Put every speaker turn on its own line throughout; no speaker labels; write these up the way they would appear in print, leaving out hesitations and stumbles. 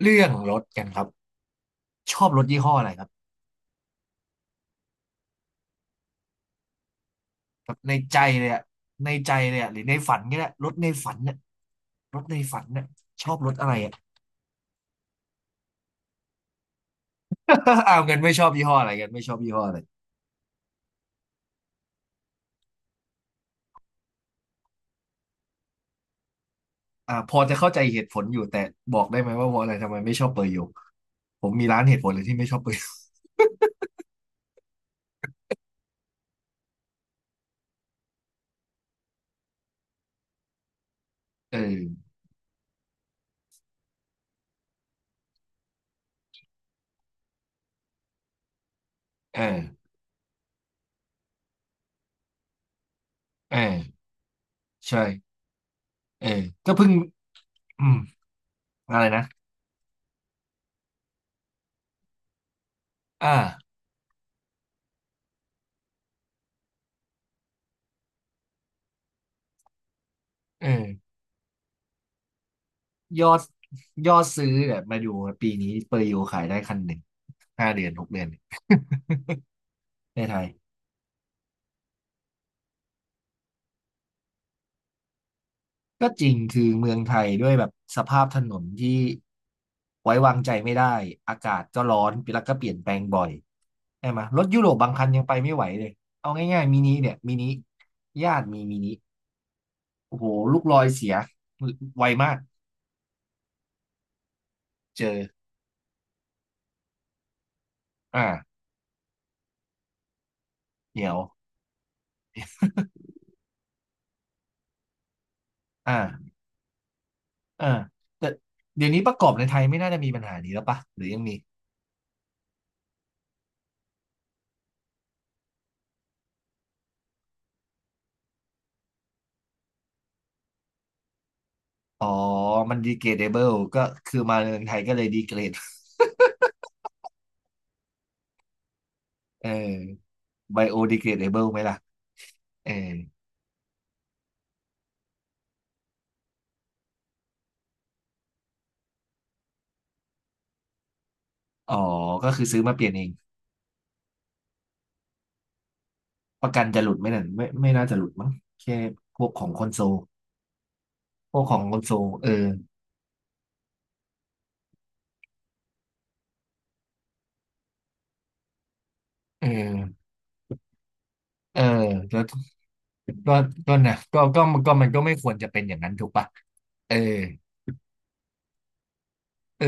เรื่องรถกันครับชอบรถยี่ห้ออะไรครับแบบในใจเลยอะในใจเลยอะหรือในฝันก็ได้รถในฝันเนี่ยรถในฝันเนี่ยชอบรถอะไรอะ เอาเงินไม่ชอบยี่ห้ออะไรกันไม่ชอบยี่ห้ออะไรอ่าพอจะเข้าใจเหตุผลอยู่แต่บอกได้ไหมว่าเพราะอะไรทำไมไม่ชอบเปอร์โยผมมีร้านเหตุผลเลยที่ไม่ชอบเปอร์โย เออเออเออใช่เออก็เพิ่งอืมอะไรนะอ่าเออยอดยอดซื้อเนี่ยมาดูปีนี้เปอร์โยขายได้คันหนึ่งห้าเดือนหกเดือน ในไทย ก็จริงคือเมืองไทยด้วยแบบสภาพถนนที่ไว้วางใจไม่ได้อากาศก็ร้อนแล้วก็เปลี่ยนแปลงบ่อยใช่ไหมรถยุโรปบางคันยังไปไม่ไหวเลยเอาง่ายๆมินิเนี่ยมินิญาติมีมินิโอ้โหลูกลอยเสียไวมากเจออ่าเหนี่ยวอ่าอ่าแต่เดี๋ยวนี้ประกอบในไทยไม่น่าจะมีปัญหานี้แล้วปะหรือยังมีอ๋อมันดีเกรดเบิลก็คือมาเมืองไทยก็เลยดีเกรดเออไบโอดีเกรดเบิลไหมล่ะเออ อ๋อก็คือซื้อมาเปลี่ยนเองประกันจะหลุดไหมนั่นไม่ไม่น่าจะหลุดมั้งแค่พวกของคอนโซลพวกของคอนโซลเออเออเออแล้วก็ก็นะก็ก็มันก็ไม่ควรจะเป็นอย่างนั้นถูกปะเออเออ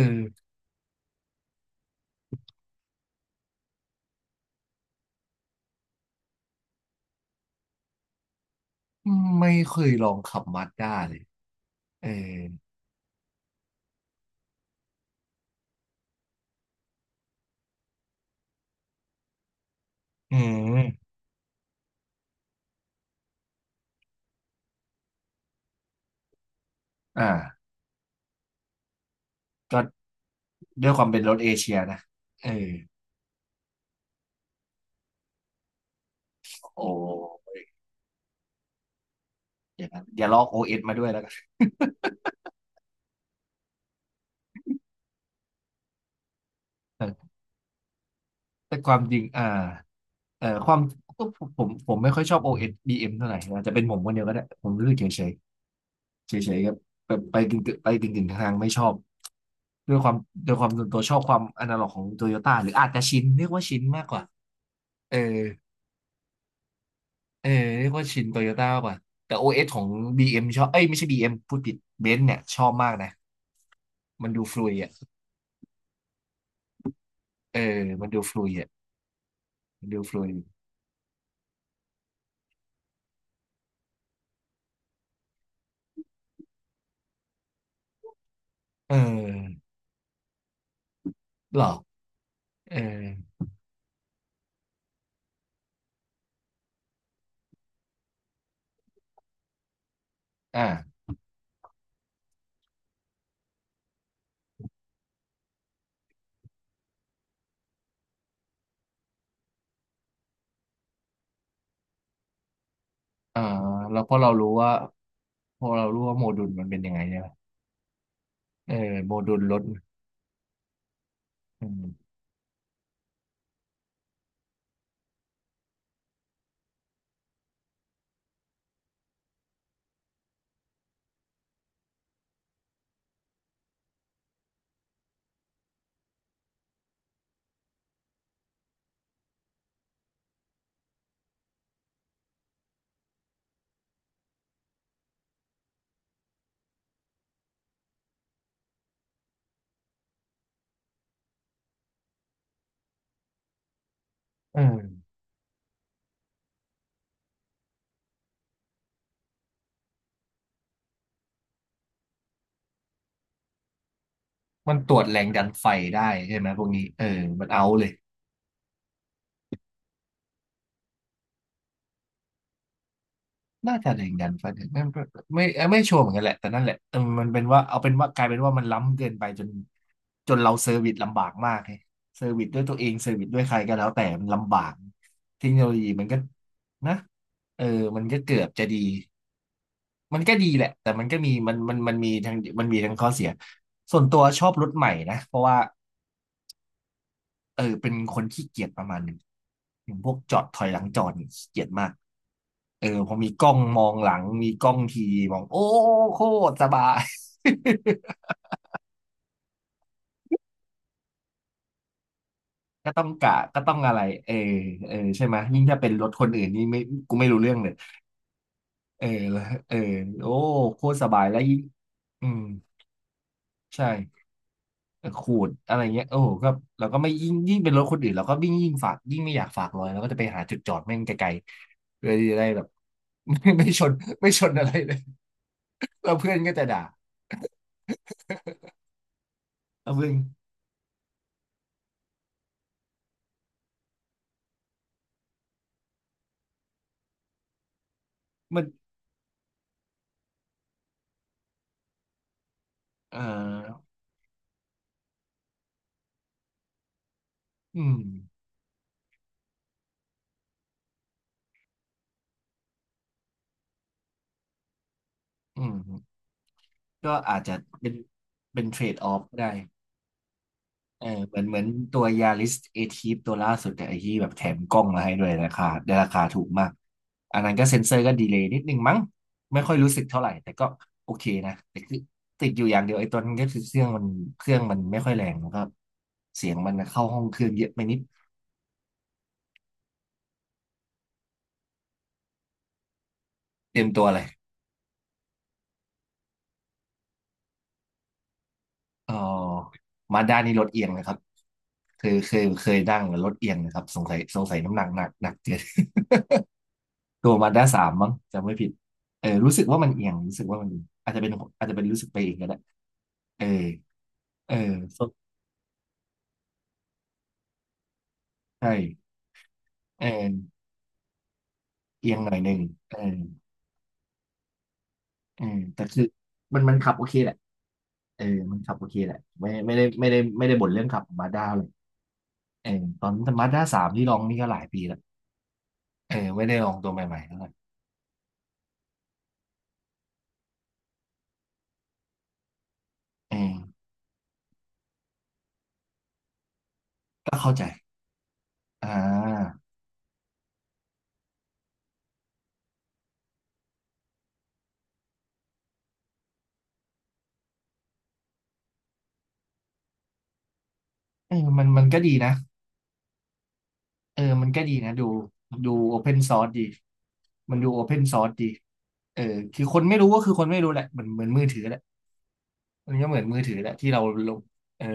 ไม่เคยลองขับมาสด้าเลยเอออืมอ่าก็ด้วยความเป็นรถเอเชียนะเออโออย่างนั้นอย่าลอกโอเอสมาด้วยแล้วกัน แต่ความจริงความก็ผมไม่ค่อยชอบ OS BM เอสบีเอ็มเท่าไหร่อาจจะเป็นผมคนเดียวก็ได้ผมรู้สึกเฉยเฉยเฉยๆครับไปกึ่งๆไปกึ่งกึ่งทางๆไม่ชอบด้วยความด้วยความส่วนตัวชอบความอนาล็อกของโตโยต้าหรืออาจจะชินเรียกว่าชินมากกว่าเออเออเรียกว่าชินโตโยต้ามากกว่าแต่ OS ของ BM ชอบเอ้ยไม่ใช่ BM พูดผิดเบนซ์เนี่ยชอบมากนะมันดูฟลุยอ่ะเออมันดูฟลุยอ่ะมันดูฟลุยเออหรอเอออ่าอ่าแล้วพอเรารู้ว่า พอเรารู้ว่าโมดูลมันเป็นยังไงใช่ไหมเออโมดูลรถอืมเออมันตรวจแรงดันไฟได้ใช่ไหมพวกนี้เออมันเอาเลยน่าจะแรงดันไฟนไม่ไม่ชัวร์เหมือนกันแหละแต่นั่นแหละเออมันเป็นว่าเอาเป็นว่ากลายเป็นว่ามันล้ำเกินไปจนจนเราเซอร์วิสลำบากมากไงเซอร์วิสด้วยตัวเองเซอร์วิสด้วยใครก็แล้วแต่มันลำบากเทคโนโลยีมันก็นะเออมันก็เกือบจะดีมันก็ดีแหละแต่มันก็มีมันมีทั้งมีทั้งข้อเสียส่วนตัวชอบรถใหม่นะเพราะว่า เออเป็นคนขี้เกียจประมาณหนึ่งอย่างพวกจอดถอยหลังจอดนี่ขี้เกียจมากเออพอมีกล้องมองหลังมีกล้องทีมองโอ้โคตรสบาย ก็ต้องกะก็ต้องอะไรเออเออใช่ไหมยยิ่งถ้าเป็นรถคนอื่นนี่ไม่กูไม่รู้เรื่องเลยเออแล้วเออโอ้โคตรสบายแล้วยิ่งอืมใช่ ขูดอะไรเงี้ยโอ้โหก็เราก็ไม่ยิ่งเป็นรถคนอื่นเราก็ยิ่งฝากยิ่งไม่อยากฝากรอยเราก็จะไปหาจุดจอดแม่งไกลๆเพื่อที่จะได้แบบ ไม่ชนไม่ชนอะไรเลยเราเพื่อนก็จะด่าเราเพื่อนมันเอ่ออืมอืมก็อาจจะเป็นเป็นเทรดออฟได้ เออเหมือนเหมือนตัวยาริสเอทีฟตัวล่าสุดแต่ไอ้ที่แบบแถมกล้องมาให้ด้วยราคาได้ราคาถูกมากอันนั้นก็เซ็นเซอร์ก็ดีเลย์นิดนึงมั้งไม่ค่อยรู้สึกเท่าไหร่แต่ก็โอเคนะแต่คือติดอยู่อย่างเดียวไอ้ตัวนั้นก็คือเครื่องมันเครื่องมันไม่ค่อยแรงแล้วก็เสียงมันเข้าห้องเครื่องเยอะไปนิดเต็มตัวเลยเออมาด้านนี้รถเอียงนะครับเคยนั่งแล้วรถเอียงนะครับสงสัยน้ำหนักหนักเกิน ตัวมาด้าสามมั้งจำไม่ผิดเออรู้สึกว่ามันเอียงรู้สึกว่ามันเอียงอาจจะเป็นรู้สึกไปเองก็ได้เออเออสดใช่เออเอียงหน่อยหนึ่งเออเออแต่คือมันขับโอเคแหละเออมันขับโอเคแหละไม่ได้บ่นเรื่องขับมาด้าเลยเออตอนมาด้าสามที่ลองนี่ก็หลายปีแล้วเออไม่ได้ลองตัวใหม่ๆเท่าไหร่เออก็เข้าใจอ่าเออมันก็ดีนะ เออมันก็ดีนะดูดูโอเพนซอร์สดีมันดูโอเพนซอร์สดีเออคือคนไม่รู้ก็คือคนไม่รู้แหละเหมือนมือถือแหละมันก็เหมือนมือถือแหละที่เราลงเออ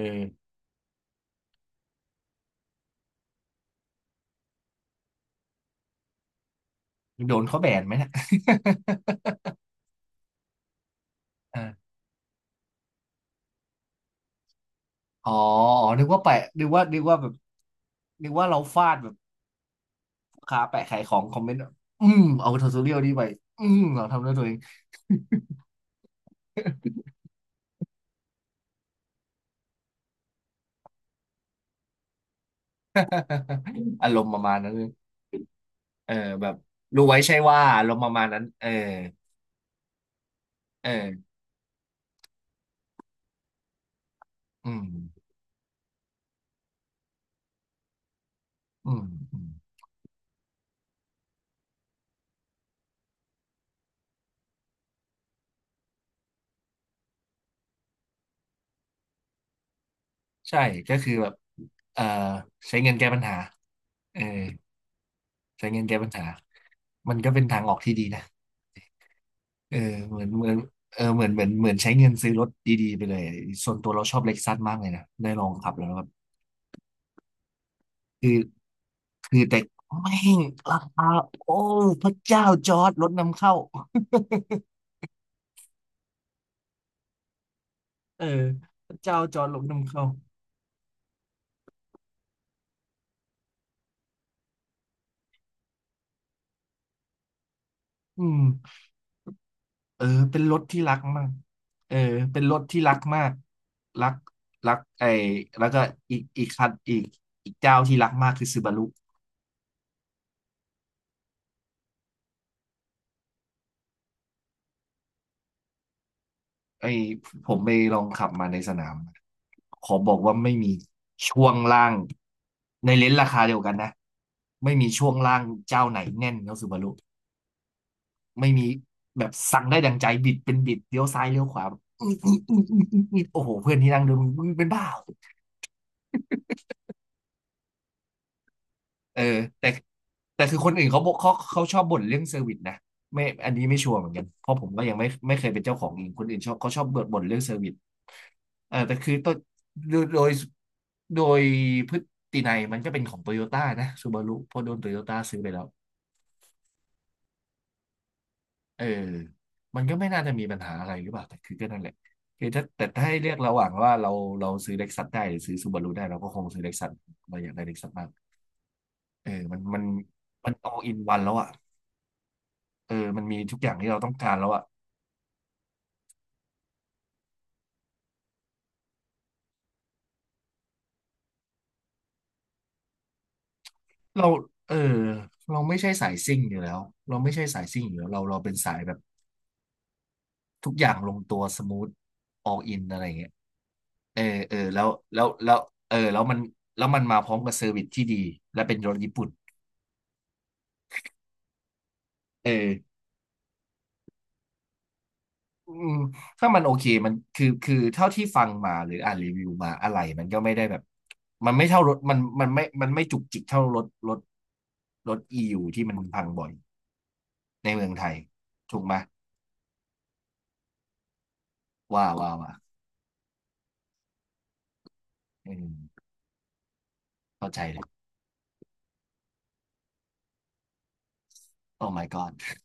โดนเขาแบนไหมนะ อ่า อ๋ออ๋อนึกว่าแปะนึกว่าแบบนึกว่าเราฟาดแบบลูกค้าแปะขายของคอมเมนต์อืมเอาททอสเรียลนีไปอืมเราทำด้วยตัวเอง อารมณ์ประมาณนั้นเลยเออแบบรู้ไว้ใช่ว่าอารมณ์ประมาณนั้นเออเอออืมอืมอืม ใช่ก็คือแบบเอ่อใช้เงินแก้ปัญหาเออใช้เงินแก้ปัญหามันก็เป็นทางออกที่ดีนะเออเหมือนเหมือนเออเหมือนใช้เงินซื้อรถดีๆไปเลยส่วนตัวเราชอบเล็กซัสมากเลยนะได้ลองขับแล้วแบบคือคือแต่แม่งราคาโอ้พระเจ้าจอร์ดรถนำเข้าเออพระเจ้าจอร์ดรถนำเข้าอืม เออเป็นรถที่รักมากเออเป็นรถที่รักมากรักรักไอ้แล้วก็อีกคันอีกอีกเจ้าที่รักมากคือซูบารุไอ้ผมไปลองขับมาในสนามขอบอกว่าไม่มีช่วงล่างในเลนส์ราคาเดียวกันนะไม่มีช่วงล่างเจ้าไหนแน่นเท่าซูบารุไม่มีแบบสั่งได้ดังใจบิดเป็นบิดเลี้ยวซ้ายเลี้ยวขวาอืมอืมโอ้โหเพื่อนที่นั่งดูมึงเป็นบ้า เออแต่แต่คือคนอื่นเขาบอกเขาชอบบ่นเรื่องเซอร์วิสนะไม่อันนี้ไม่ชัวร์เหมือนกันเพราะผมก็ยังไม่เคยเป็นเจ้าของเองคนอื่นชอบเขาชอบบ่นเรื่องเซอร์วิสเออแต่คือต้นโดยโดยโดยพฤตินัยมันก็เป็นของโตโยต้านะซูบารุเพราะโดนโตโยต้าซื้อไปแล้วเออมันก็ไม่น่าจะมีปัญหาอะไรหรือเปล่าแต่คือก็นั่นแหละคือถ้าแต่ถ้าให้เลือกระหว่างว่าเราซื้อเล็กซัสได้หรือซื้อซูบารุได้เราก็คงซื้อเล็กซัสเราอยากได้เล็กซัสมากเออมัน all in one แล้วอะ เออมันมีทุกอย่างที่เราต้องการแล้วอะเราเออเราไม่ใช่สายซิ่งอยู่แล้วเราไม่ใช่สายซิ่งอยู่แล้วเราเป็นสายแบบทุกอย่างลงตัวสมูทออกอินอะไรอย่างเงี้ยเออเออแล้วเออแล้วมันมาพร้อมกับเซอร์วิสที่ดีและเป็นรถญี่ปุ่นเอออืมถ้ามันโอเคมันคือเท่าที่ฟังมาหรืออ่านรีวิวมาอะไรมันก็ไม่ได้แบบมันไม่เท่ารถมันมันไม่มันไม่จุกจิกเท่ารถรถอียูที่มันพังบ่อยในเมืองไทยถูกไหม ว้าวว้าว่าวอืมเข้าใจเลยโอ้ my god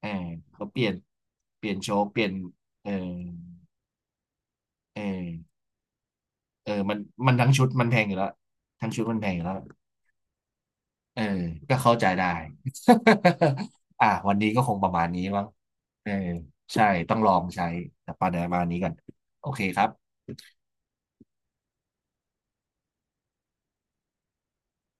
เออเขาเปลี่ยนเปลี่ยนโชว์เปลี่ยนเออเออเออมันทั้งชุดมันแพงอยู่แล้วทั้งชุดมันแพงอยู่แล้วเออก็เข้าใจได้ อ่ะวันนี้ก็คงประมาณนี้มั้งเออใช่ต้องลองใช้แต่ประมาณนี้กันโอเคครับ